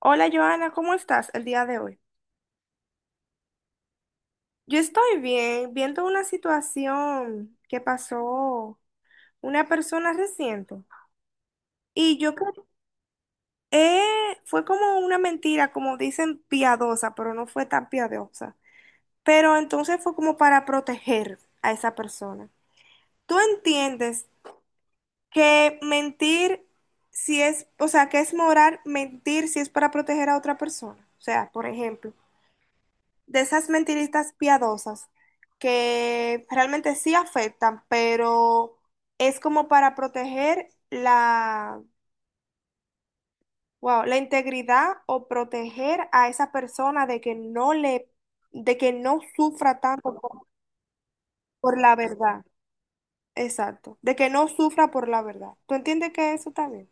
Hola Joana, ¿cómo estás el día de hoy? Yo estoy bien, viendo una situación que pasó una persona reciente. Y yo creo eh, fue como una mentira, como dicen, piadosa, pero no fue tan piadosa. Pero entonces fue como para proteger a esa persona. ¿Tú entiendes que mentir si es, o sea, que es moral mentir si es para proteger a otra persona? O sea, por ejemplo, de esas mentiritas piadosas que realmente sí afectan, pero es como para proteger la, wow, la integridad o proteger a esa persona de que no le, de que no sufra tanto por la verdad. Exacto, de que no sufra por la verdad. ¿Tú entiendes que eso también?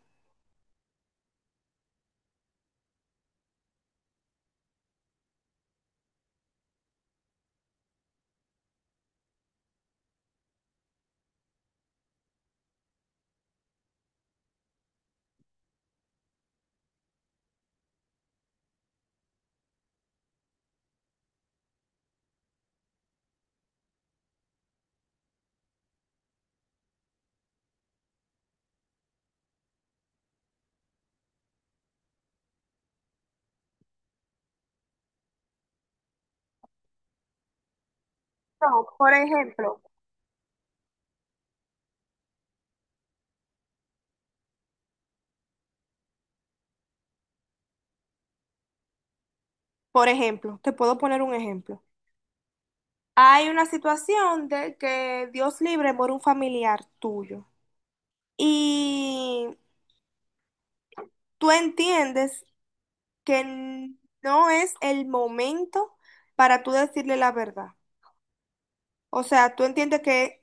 No, por ejemplo. Por ejemplo, te puedo poner un ejemplo. Hay una situación de que Dios libre muere un familiar tuyo. Y tú entiendes que no es el momento para tú decirle la verdad. O sea, tú entiendes que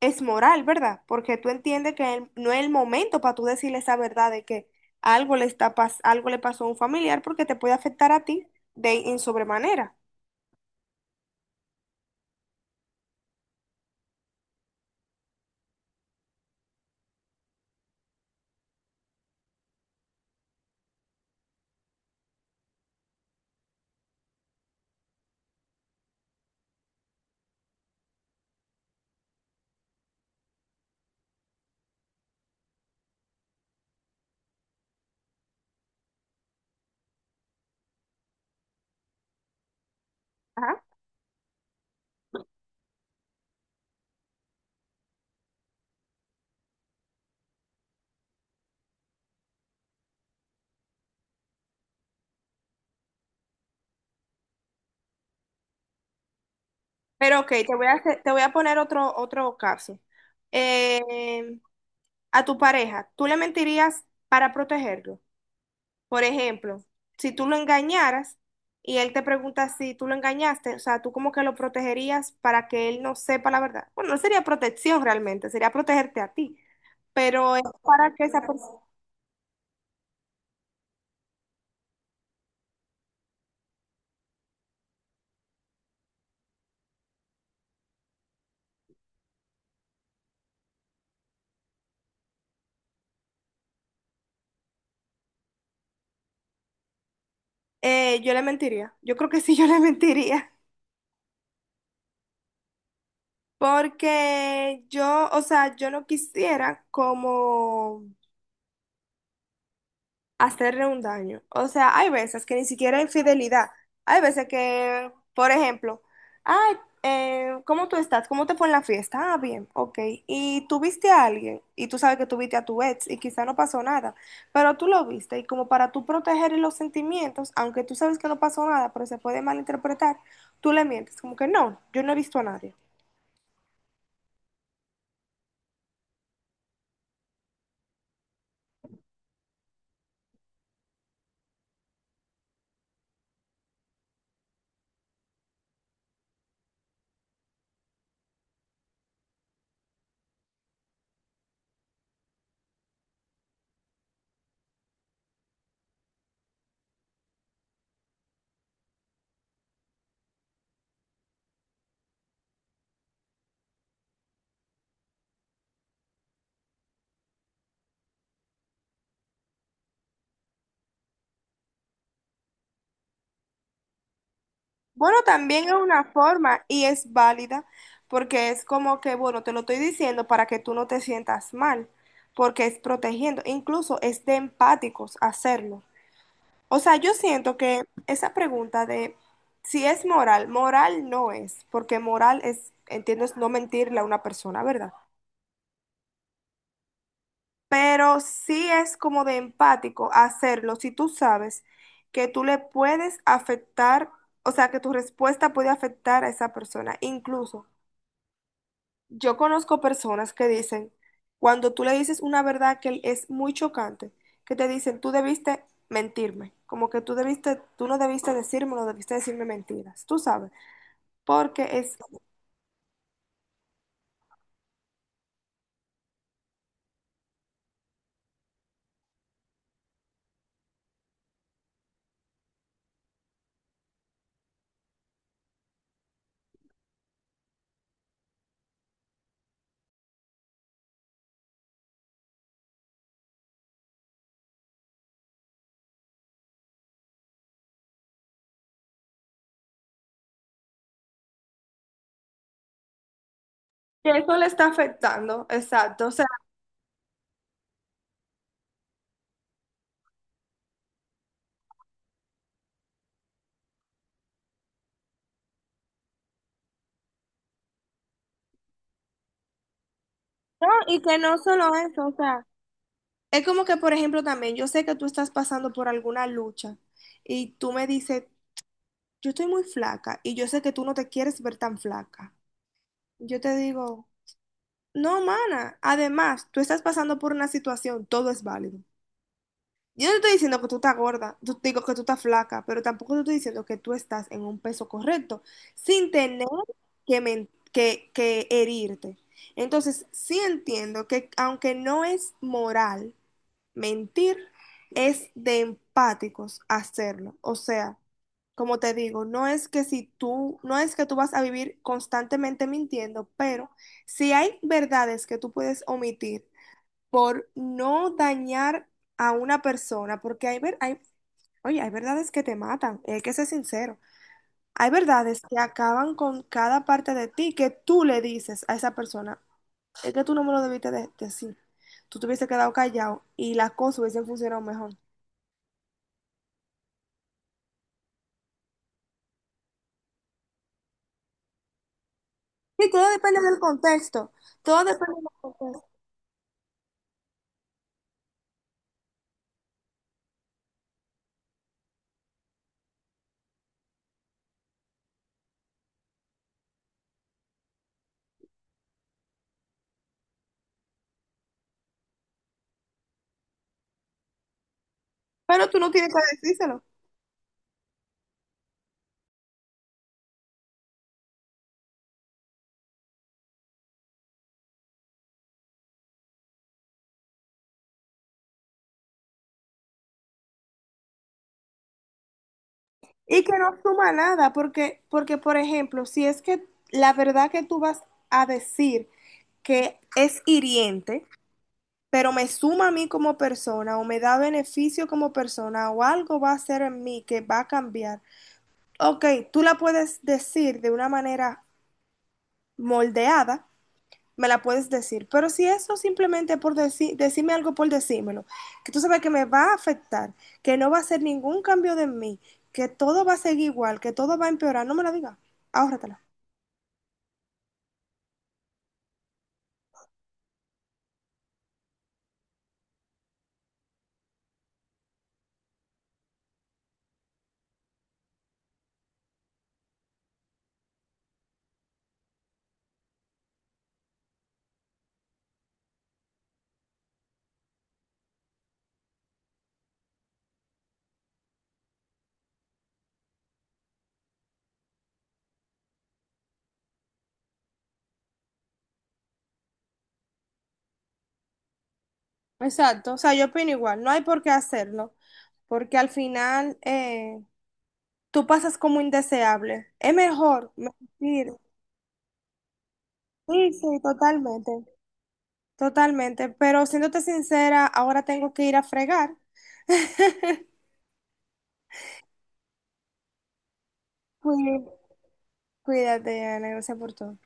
es moral, ¿verdad? Porque tú entiendes que no es el momento para tú decirle esa verdad de que algo le pasó a un familiar porque te puede afectar a ti de en sobremanera. Ajá. Pero ok, te voy a poner otro caso. Eh, a tu pareja, ¿tú le mentirías para protegerlo? Por ejemplo, si tú lo engañaras y él te pregunta si tú lo engañaste, o sea, tú como que lo protegerías para que él no sepa la verdad. Bueno, no sería protección realmente, sería protegerte a ti, pero es para que esa persona... yo le mentiría, yo creo que sí, yo le mentiría, porque yo, o sea, yo no quisiera como... hacerle un daño. O sea, hay veces que ni siquiera hay infidelidad. Hay veces que, por ejemplo, ay, ¿cómo tú estás? ¿Cómo te fue en la fiesta? Ah, bien, ok. Y tú viste a alguien y tú sabes que tú viste a tu ex y quizá no pasó nada, pero tú lo viste y como para tú proteger los sentimientos, aunque tú sabes que no pasó nada, pero se puede malinterpretar, tú le mientes, como que no, yo no he visto a nadie. Bueno, también es una forma y es válida porque es como que, bueno, te lo estoy diciendo para que tú no te sientas mal, porque es protegiendo, incluso es de empáticos hacerlo. O sea, yo siento que esa pregunta de si es moral, moral no es, porque moral es, entiendo es no mentirle a una persona, ¿verdad? Pero sí es como de empático hacerlo si tú sabes que tú le puedes afectar, o sea, que tu respuesta puede afectar a esa persona, incluso. Yo conozco personas que dicen, cuando tú le dices una verdad que es muy chocante, que te dicen, tú debiste mentirme, como que tú debiste, tú no debiste decirme, no debiste decirme mentiras, tú sabes, porque es que eso le está afectando, exacto, o sea, no, y que no solo eso, o sea, es como que, por ejemplo, también yo sé que tú estás pasando por alguna lucha y tú me dices, yo estoy muy flaca y yo sé que tú no te quieres ver tan flaca. Yo te digo... no, mana. Además, tú estás pasando por una situación, todo es válido. Yo no te estoy diciendo que tú estás gorda, digo que tú estás flaca, pero tampoco te estoy diciendo que tú estás en un peso correcto, sin tener que, que herirte. Entonces, sí entiendo que aunque no es moral, mentir es de empáticos hacerlo. O sea, como te digo, no es que si tú, no es que tú vas a vivir constantemente mintiendo, pero si hay verdades que tú puedes omitir por no dañar a una persona, porque hay, hay, oye, hay verdades que te matan, y hay que ser sincero. Hay verdades que acaban con cada parte de ti que tú le dices a esa persona, es que tú no me lo decir. Tú te hubiese quedado callado y las cosas hubiesen funcionado mejor. Y todo depende del contexto. Todo depende del contexto. Pero tú no tienes que decírselo. Y que no suma nada, porque, porque, por ejemplo, si es que la verdad que tú vas a decir que es hiriente, pero me suma a mí como persona o me da beneficio como persona o algo va a hacer en mí que va a cambiar. Ok, tú la puedes decir de una manera moldeada, me la puedes decir. Pero si eso simplemente por decirme algo por decírmelo, que tú sabes que me va a afectar, que no va a ser ningún cambio de mí, que todo va a seguir igual, que todo va a empeorar, no me la digas. Ahórratela. Exacto, o sea, yo opino igual, no hay por qué hacerlo, porque al final tú pasas como indeseable. Es mejor mentir. Sí, sí, totalmente, totalmente, pero siéndote sincera, ahora tengo que ir a fregar. Cuí- Cuídate, Ana, gracias por todo.